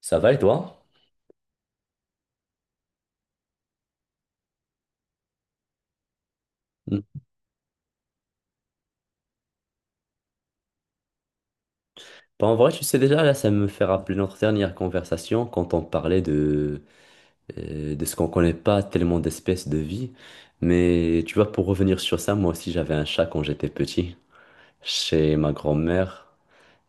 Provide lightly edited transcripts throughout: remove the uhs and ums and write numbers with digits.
Ça va et toi? Mm. Bah, en vrai, tu sais déjà, là, ça me fait rappeler notre dernière conversation quand on parlait de ce qu'on connaît pas tellement d'espèces de vie. Mais tu vois, pour revenir sur ça, moi aussi, j'avais un chat quand j'étais petit, chez ma grand-mère.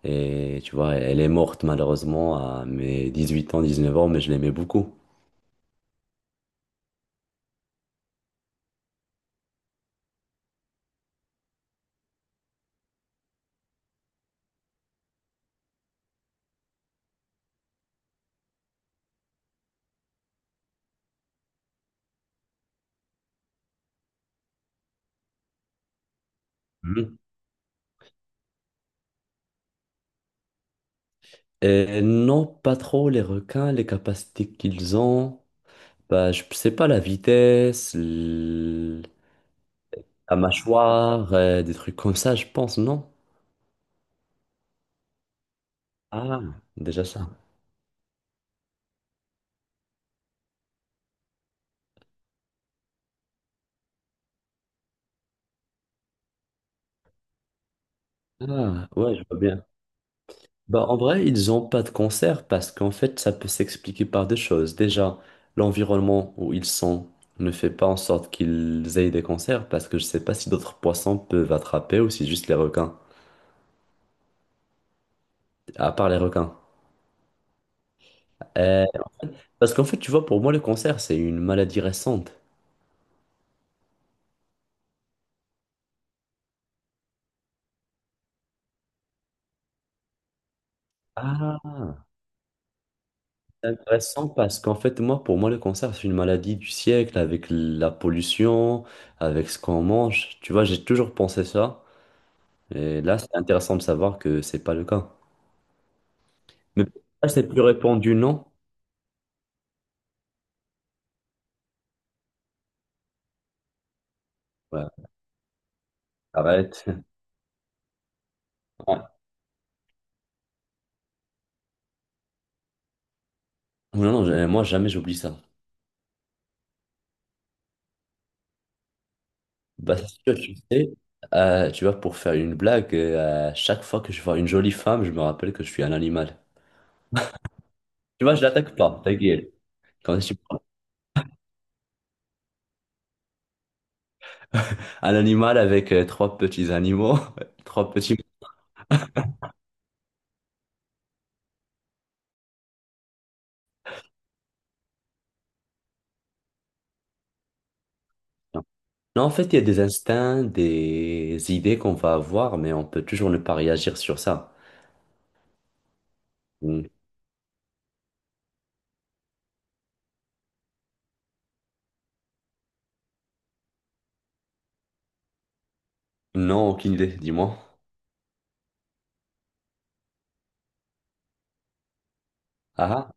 Et tu vois, elle est morte malheureusement à mes 18 ans, 19 ans, mais je l'aimais beaucoup. Mhm. Et non, pas trop les requins, les capacités qu'ils ont. Bah, je sais pas la vitesse. La mâchoire, des trucs comme ça, je pense, non? Ah, déjà ça. Ah, ouais, je vois bien. Bah, en vrai, ils n'ont pas de concert parce qu'en fait, ça peut s'expliquer par deux choses. Déjà, l'environnement où ils sont ne fait pas en sorte qu'ils aient des concerts parce que je sais pas si d'autres poissons peuvent attraper ou si juste les requins. À part les requins. Euh, parce qu'en fait, tu vois, pour moi, le cancer, c'est une maladie récente. Ah. C'est intéressant parce qu'en fait, moi, pour moi, le cancer, c'est une maladie du siècle avec la pollution, avec ce qu'on mange. Tu vois, j'ai toujours pensé ça. Et là, c'est intéressant de savoir que c'est pas le cas. Ah, c'est plus répandu, non? Ouais, arrête. Ouais. Non, non, moi, jamais j'oublie ça. Bah, c'est sûr, tu sais, tu vois, pour faire une blague, à chaque fois que je vois une jolie femme, je me rappelle que je suis un animal. Tu vois, je l'attaque pas, ta gueule. Quand je suis un animal avec trois petits animaux, trois petits. Non, en fait, il y a des instincts, des idées qu'on va avoir, mais on peut toujours ne pas réagir sur ça. Mm. Non, aucune idée, dis-moi. Ah, ah.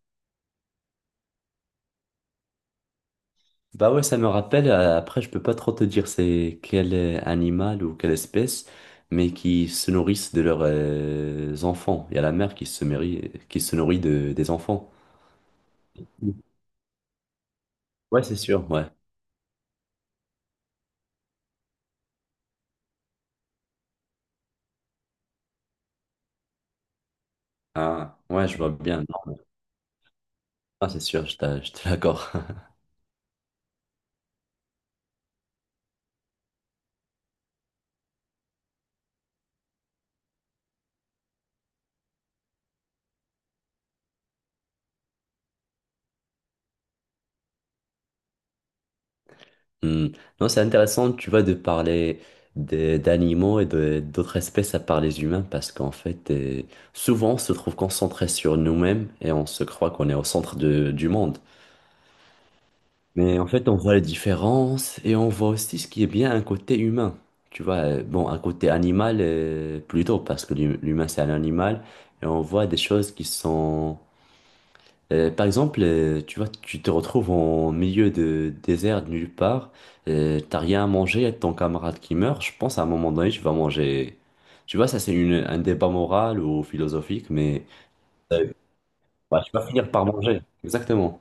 Bah ouais, ça me rappelle, après, je peux pas trop te dire c'est quel animal ou quelle espèce, mais qui se nourrissent de leurs enfants. Il y a la mère qui se nourrit de, des enfants. Mm. Ouais, c'est sûr, ouais. Ah, ouais, je vois bien. Non, mais... ah, c'est sûr, je, je te l'accorde. Hmm. Non, c'est intéressant, tu vois, de parler d'animaux et de- d'autres espèces à part les humains, parce qu'en fait, souvent, on se trouve concentré sur nous-mêmes et on se croit qu'on est au centre du monde. Mais en fait, on voit les différences et on voit aussi ce qui est bien un côté humain. Tu vois, bon, un côté animal, plutôt, parce que l'humain, c'est un animal, et on voit des choses qui sont par exemple, tu vois, tu te retrouves en milieu de désert, de nulle part, t'as rien à manger, et ton camarade qui meurt, je pense à un moment donné, tu vas manger. Tu vois, ça c'est un débat moral ou philosophique, mais tu vas finir par manger. Exactement.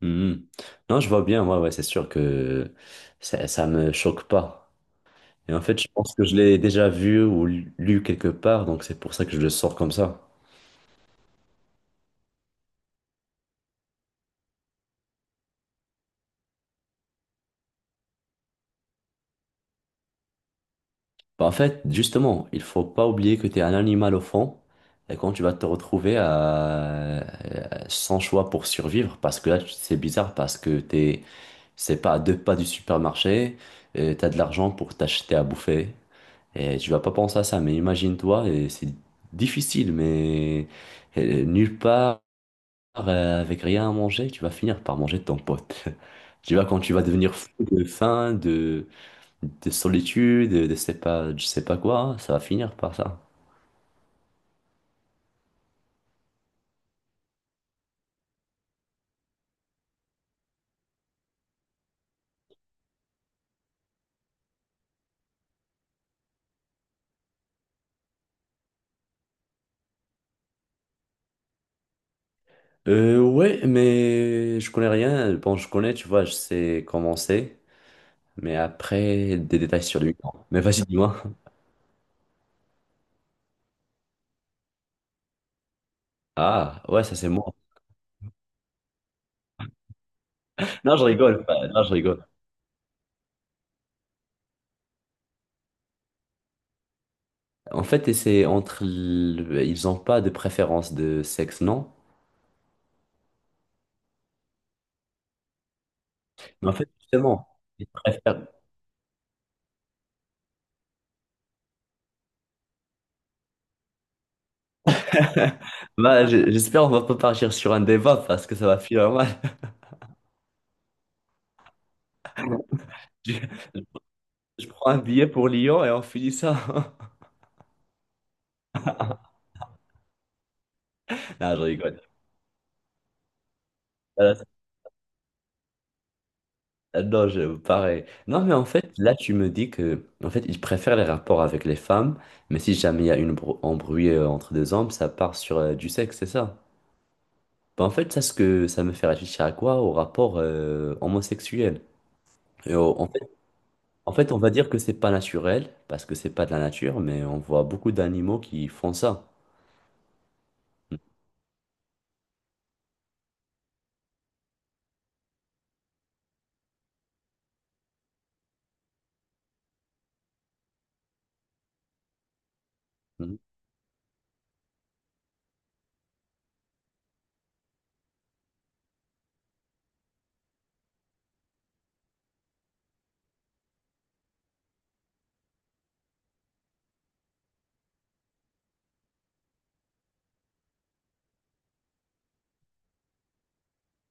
Mhm. Non, je vois bien, ouais, ouais, c'est sûr que ça me choque pas. Et en fait, je pense que je l'ai déjà vu ou lu quelque part, donc c'est pour ça que je le sors comme ça. Bah, en fait, justement, il faut pas oublier que tu es un animal au fond, et quand tu vas te retrouver sans choix pour survivre, parce que là, c'est bizarre, parce que t'es, c'est pas à deux pas du supermarché, tu as de l'argent pour t'acheter à bouffer, et tu vas pas penser à ça, mais imagine-toi, et c'est difficile, mais nulle part, avec rien à manger, tu vas finir par manger ton pote. Tu vois, quand tu vas devenir fou de faim, de solitude, de sais pas, je sais pas quoi, ça va finir par ça. Ouais, mais je connais rien. Bon, je connais, tu vois, je sais comment c'est, mais après, des détails sur lui. Non. Mais vas-y, dis-moi. Ah, ouais, ça c'est moi. Non, je rigole. Non, je rigole. En fait, c'est entre. Ils ont pas de préférence de sexe, non? Mais en fait, justement, ils préfèrent. Bah, j'espère on va pas partir sur un débat parce que ça va finir mal. Je prends un billet pour Lyon et on finit ça. Non, je rigole. Voilà, c'est- ah non, je, pareil. Non, mais en fait, là, tu me dis que, en fait, ils préfèrent les rapports avec les femmes, mais si jamais il y a une embrouille entre deux hommes, ça part sur du sexe, c'est ça? Bah, en fait, ça, ce que ça me fait réfléchir à quoi? Au rapport homosexuel. Et en fait, on va dire que c'est pas naturel, parce que c'est pas de la nature, mais on voit beaucoup d'animaux qui font ça. Mhm.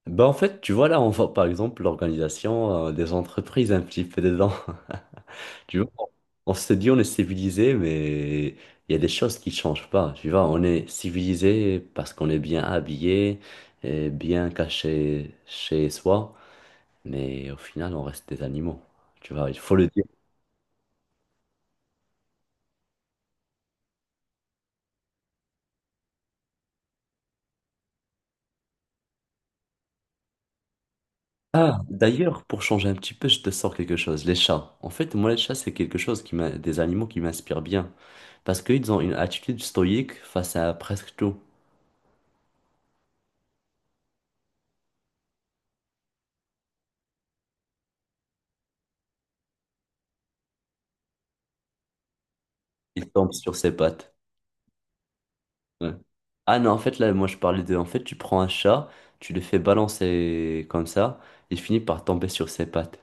Bah, en fait, tu vois, là, on voit par exemple l'organisation des entreprises un petit peu dedans. Tu vois, on se dit on est civilisé, mais il y a des choses qui changent pas. Tu vois, on est civilisé parce qu'on est bien habillé et bien caché chez soi, mais au final, on reste des animaux. Tu vois, il faut le dire. Ah, d'ailleurs, pour changer un petit peu, je te sors quelque chose. Les chats. En fait, moi, les chats, c'est quelque chose des animaux qui m'inspirent bien. Parce qu'ils ont une attitude stoïque face à presque tout. Ils tombent sur ses pattes. Ouais. Ah non, en fait, là, moi, je parlais de... En fait, tu prends un chat, tu le fais balancer comme ça, il finit par tomber sur ses pattes.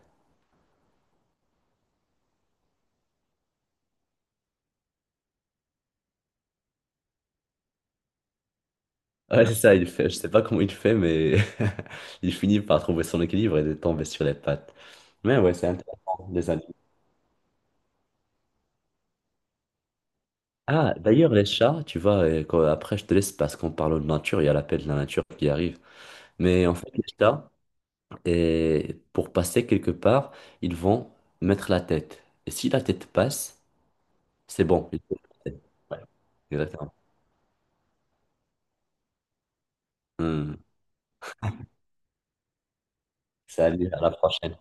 Ouais, c'est ça, il fait... Je sais pas comment il fait, mais il finit par trouver son équilibre et de tomber sur les pattes. Mais ouais, c'est intéressant, les animaux. Ah, d'ailleurs, les chats, tu vois, quand- après, je te laisse parce qu'on parle de nature, il y a l'appel de la nature qui arrive. Mais en fait, les chats, et pour passer quelque part, ils vont mettre la tête. Et si la tête passe, c'est bon. Ils peuvent passer. Ouais, exactement. Hmm. Salut, à la prochaine.